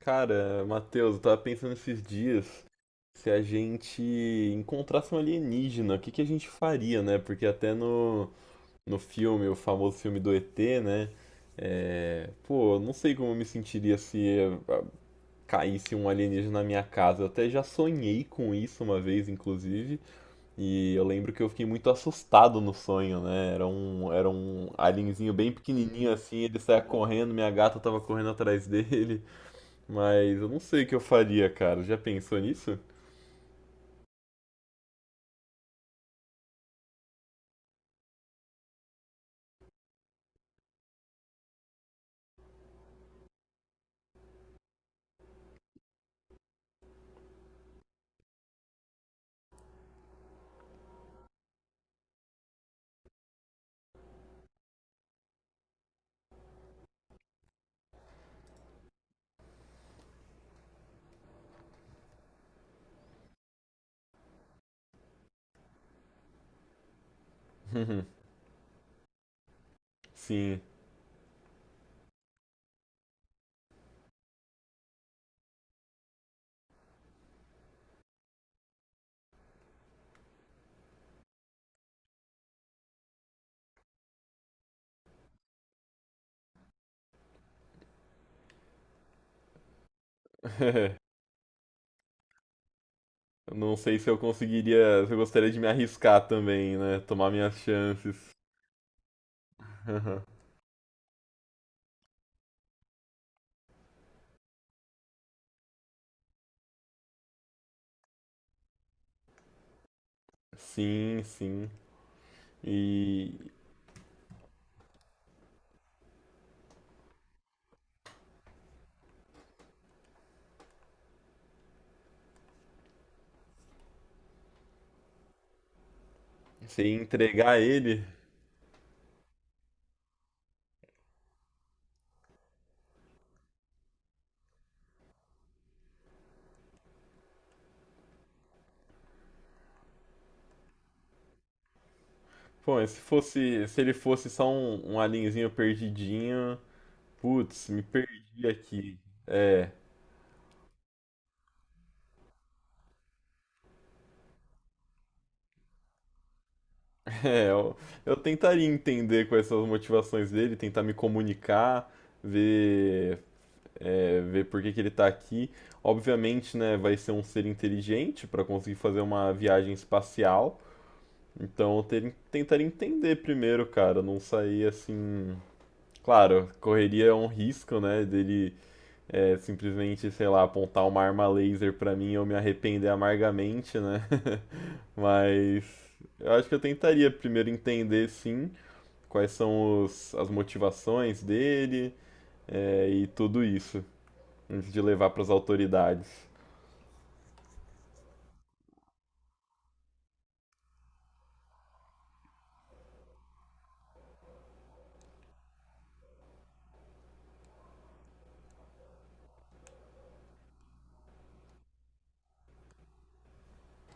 Cara, Matheus, eu tava pensando esses dias se a gente encontrasse um alienígena, o que que a gente faria, né? Porque até no filme, o famoso filme do ET, né? É, pô, eu não sei como eu me sentiria se ah, caísse um alienígena na minha casa. Eu até já sonhei com isso uma vez, inclusive, e eu lembro que eu fiquei muito assustado no sonho, né? Era um alienzinho bem pequenininho assim, ele saía correndo, minha gata tava correndo atrás dele. Mas eu não sei o que eu faria, cara. Já pensou nisso? Sim. Eu não sei se eu conseguiria, se eu gostaria de me arriscar também, né? Tomar minhas chances. Sim, sim. E se entregar ele, pô, mas se ele fosse só um, um alienzinho perdidinho, putz, me perdi aqui. É, eu tentaria entender quais são as motivações dele, tentar me comunicar, ver ver por que que ele está aqui. Obviamente, né, vai ser um ser inteligente para conseguir fazer uma viagem espacial. Então, eu tentar entender primeiro, cara, não sair assim. Claro, correria um risco, né, dele simplesmente, sei lá, apontar uma arma laser para mim e eu me arrepender amargamente, né? Mas eu acho que eu tentaria primeiro entender, sim, quais são as motivações dele, e tudo isso antes de levar pras autoridades.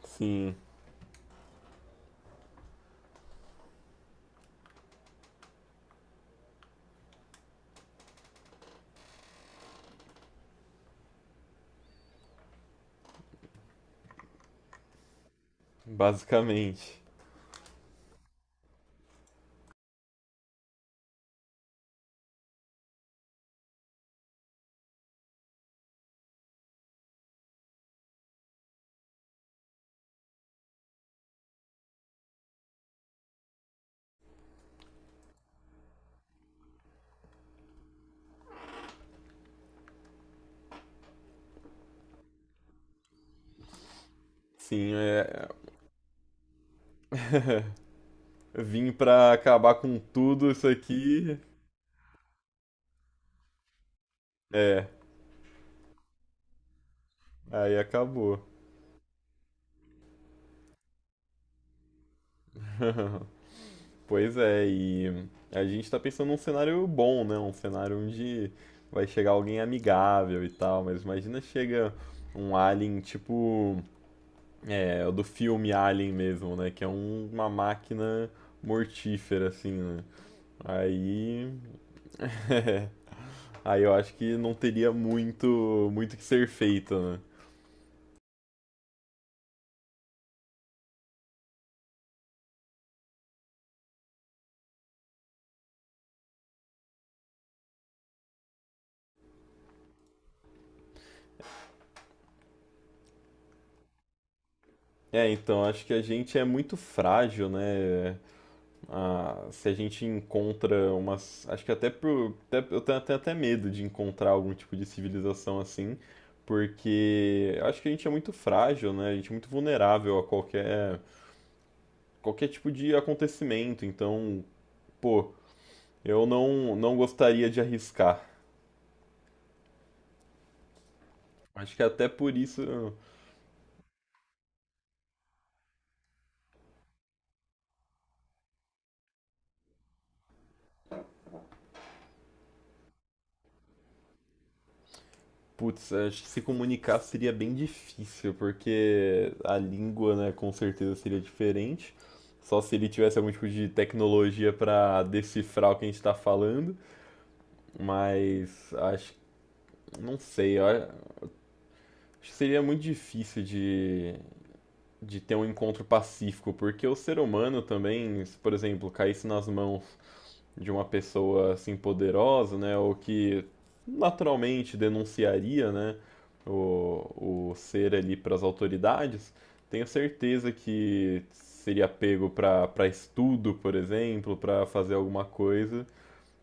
Sim, basicamente. Sim, é. É, vim pra acabar com tudo isso aqui. É, aí acabou. Pois é, e a gente tá pensando num cenário bom, né? Um cenário onde vai chegar alguém amigável e tal, mas imagina chega um alien tipo. É, o do filme Alien mesmo, né? Que é uma máquina mortífera, assim, né? Aí. é, aí eu acho que não teria muito, muito que ser feito, né? É, então acho que a gente é muito frágil, né? Ah, se a gente encontra umas. Acho que eu tenho até, até medo de encontrar algum tipo de civilização assim, porque acho que a gente é muito frágil, né? A gente é muito vulnerável a qualquer, qualquer tipo de acontecimento. Então, pô, eu não, não gostaria de arriscar. Acho que até por isso putz, acho que se comunicar seria bem difícil, porque a língua, né, com certeza seria diferente. Só se ele tivesse algum tipo de tecnologia pra decifrar o que a gente tá falando. Mas acho, não sei, eu acho que seria muito difícil de ter um encontro pacífico, porque o ser humano também, se, por exemplo, caísse nas mãos de uma pessoa assim poderosa, né, ou que naturalmente denunciaria, né, o ser ali para as autoridades, tenho certeza que seria pego para para estudo, por exemplo, para fazer alguma coisa,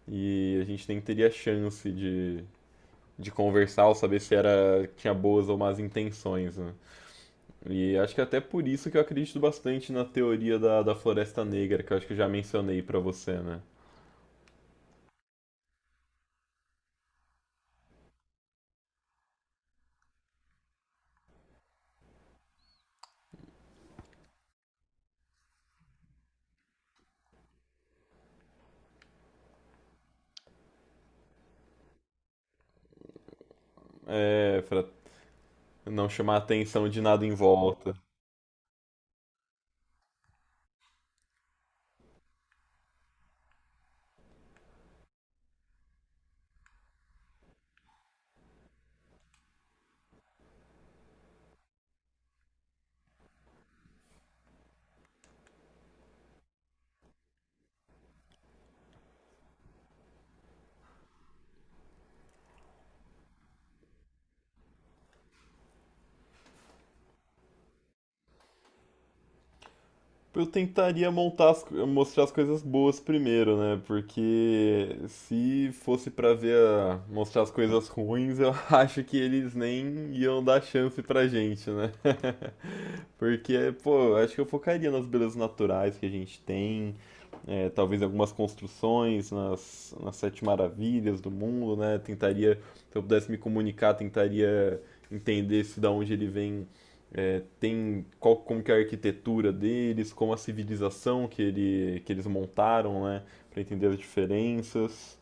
e a gente nem teria chance de conversar ou saber se era tinha boas ou más intenções, né? E acho que até por isso que eu acredito bastante na teoria da Floresta Negra, que eu acho que eu já mencionei para você, né? É, Fra, não chamar a atenção de nada em volta. Eu tentaria montar mostrar as coisas boas primeiro, né? Porque se fosse pra ver mostrar as coisas ruins, eu acho que eles nem iam dar chance pra gente, né? Porque, pô, acho que eu focaria nas belezas naturais que a gente tem, talvez algumas construções, nas 7 maravilhas do mundo, né? Tentaria, se eu pudesse me comunicar, tentaria entender se da onde ele vem, é, tem qual, como que é a arquitetura deles, como a civilização que, ele, que eles montaram, né? Para entender as diferenças.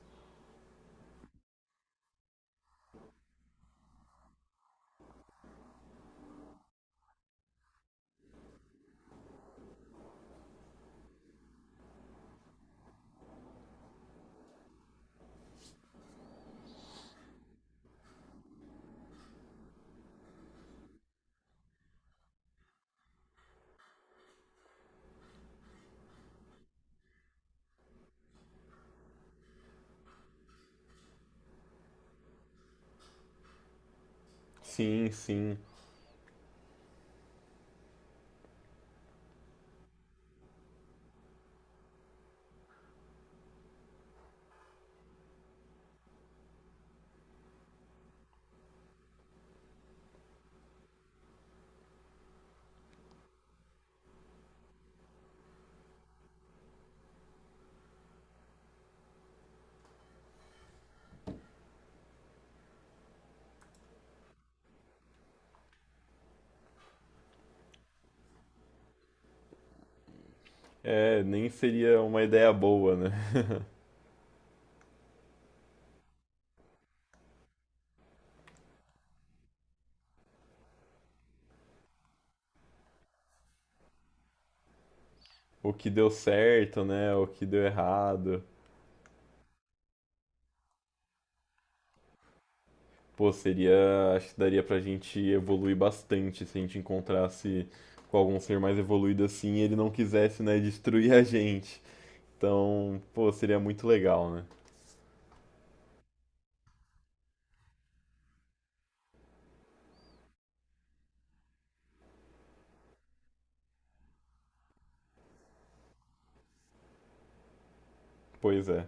Sim, sim. É, nem seria uma ideia boa, né? O que deu certo, né? O que deu errado. Pô, seria. Acho que daria pra gente evoluir bastante se a gente encontrasse com algum ser mais evoluído assim e ele não quisesse, né, destruir a gente. Então, pô, seria muito legal, né? Pois é.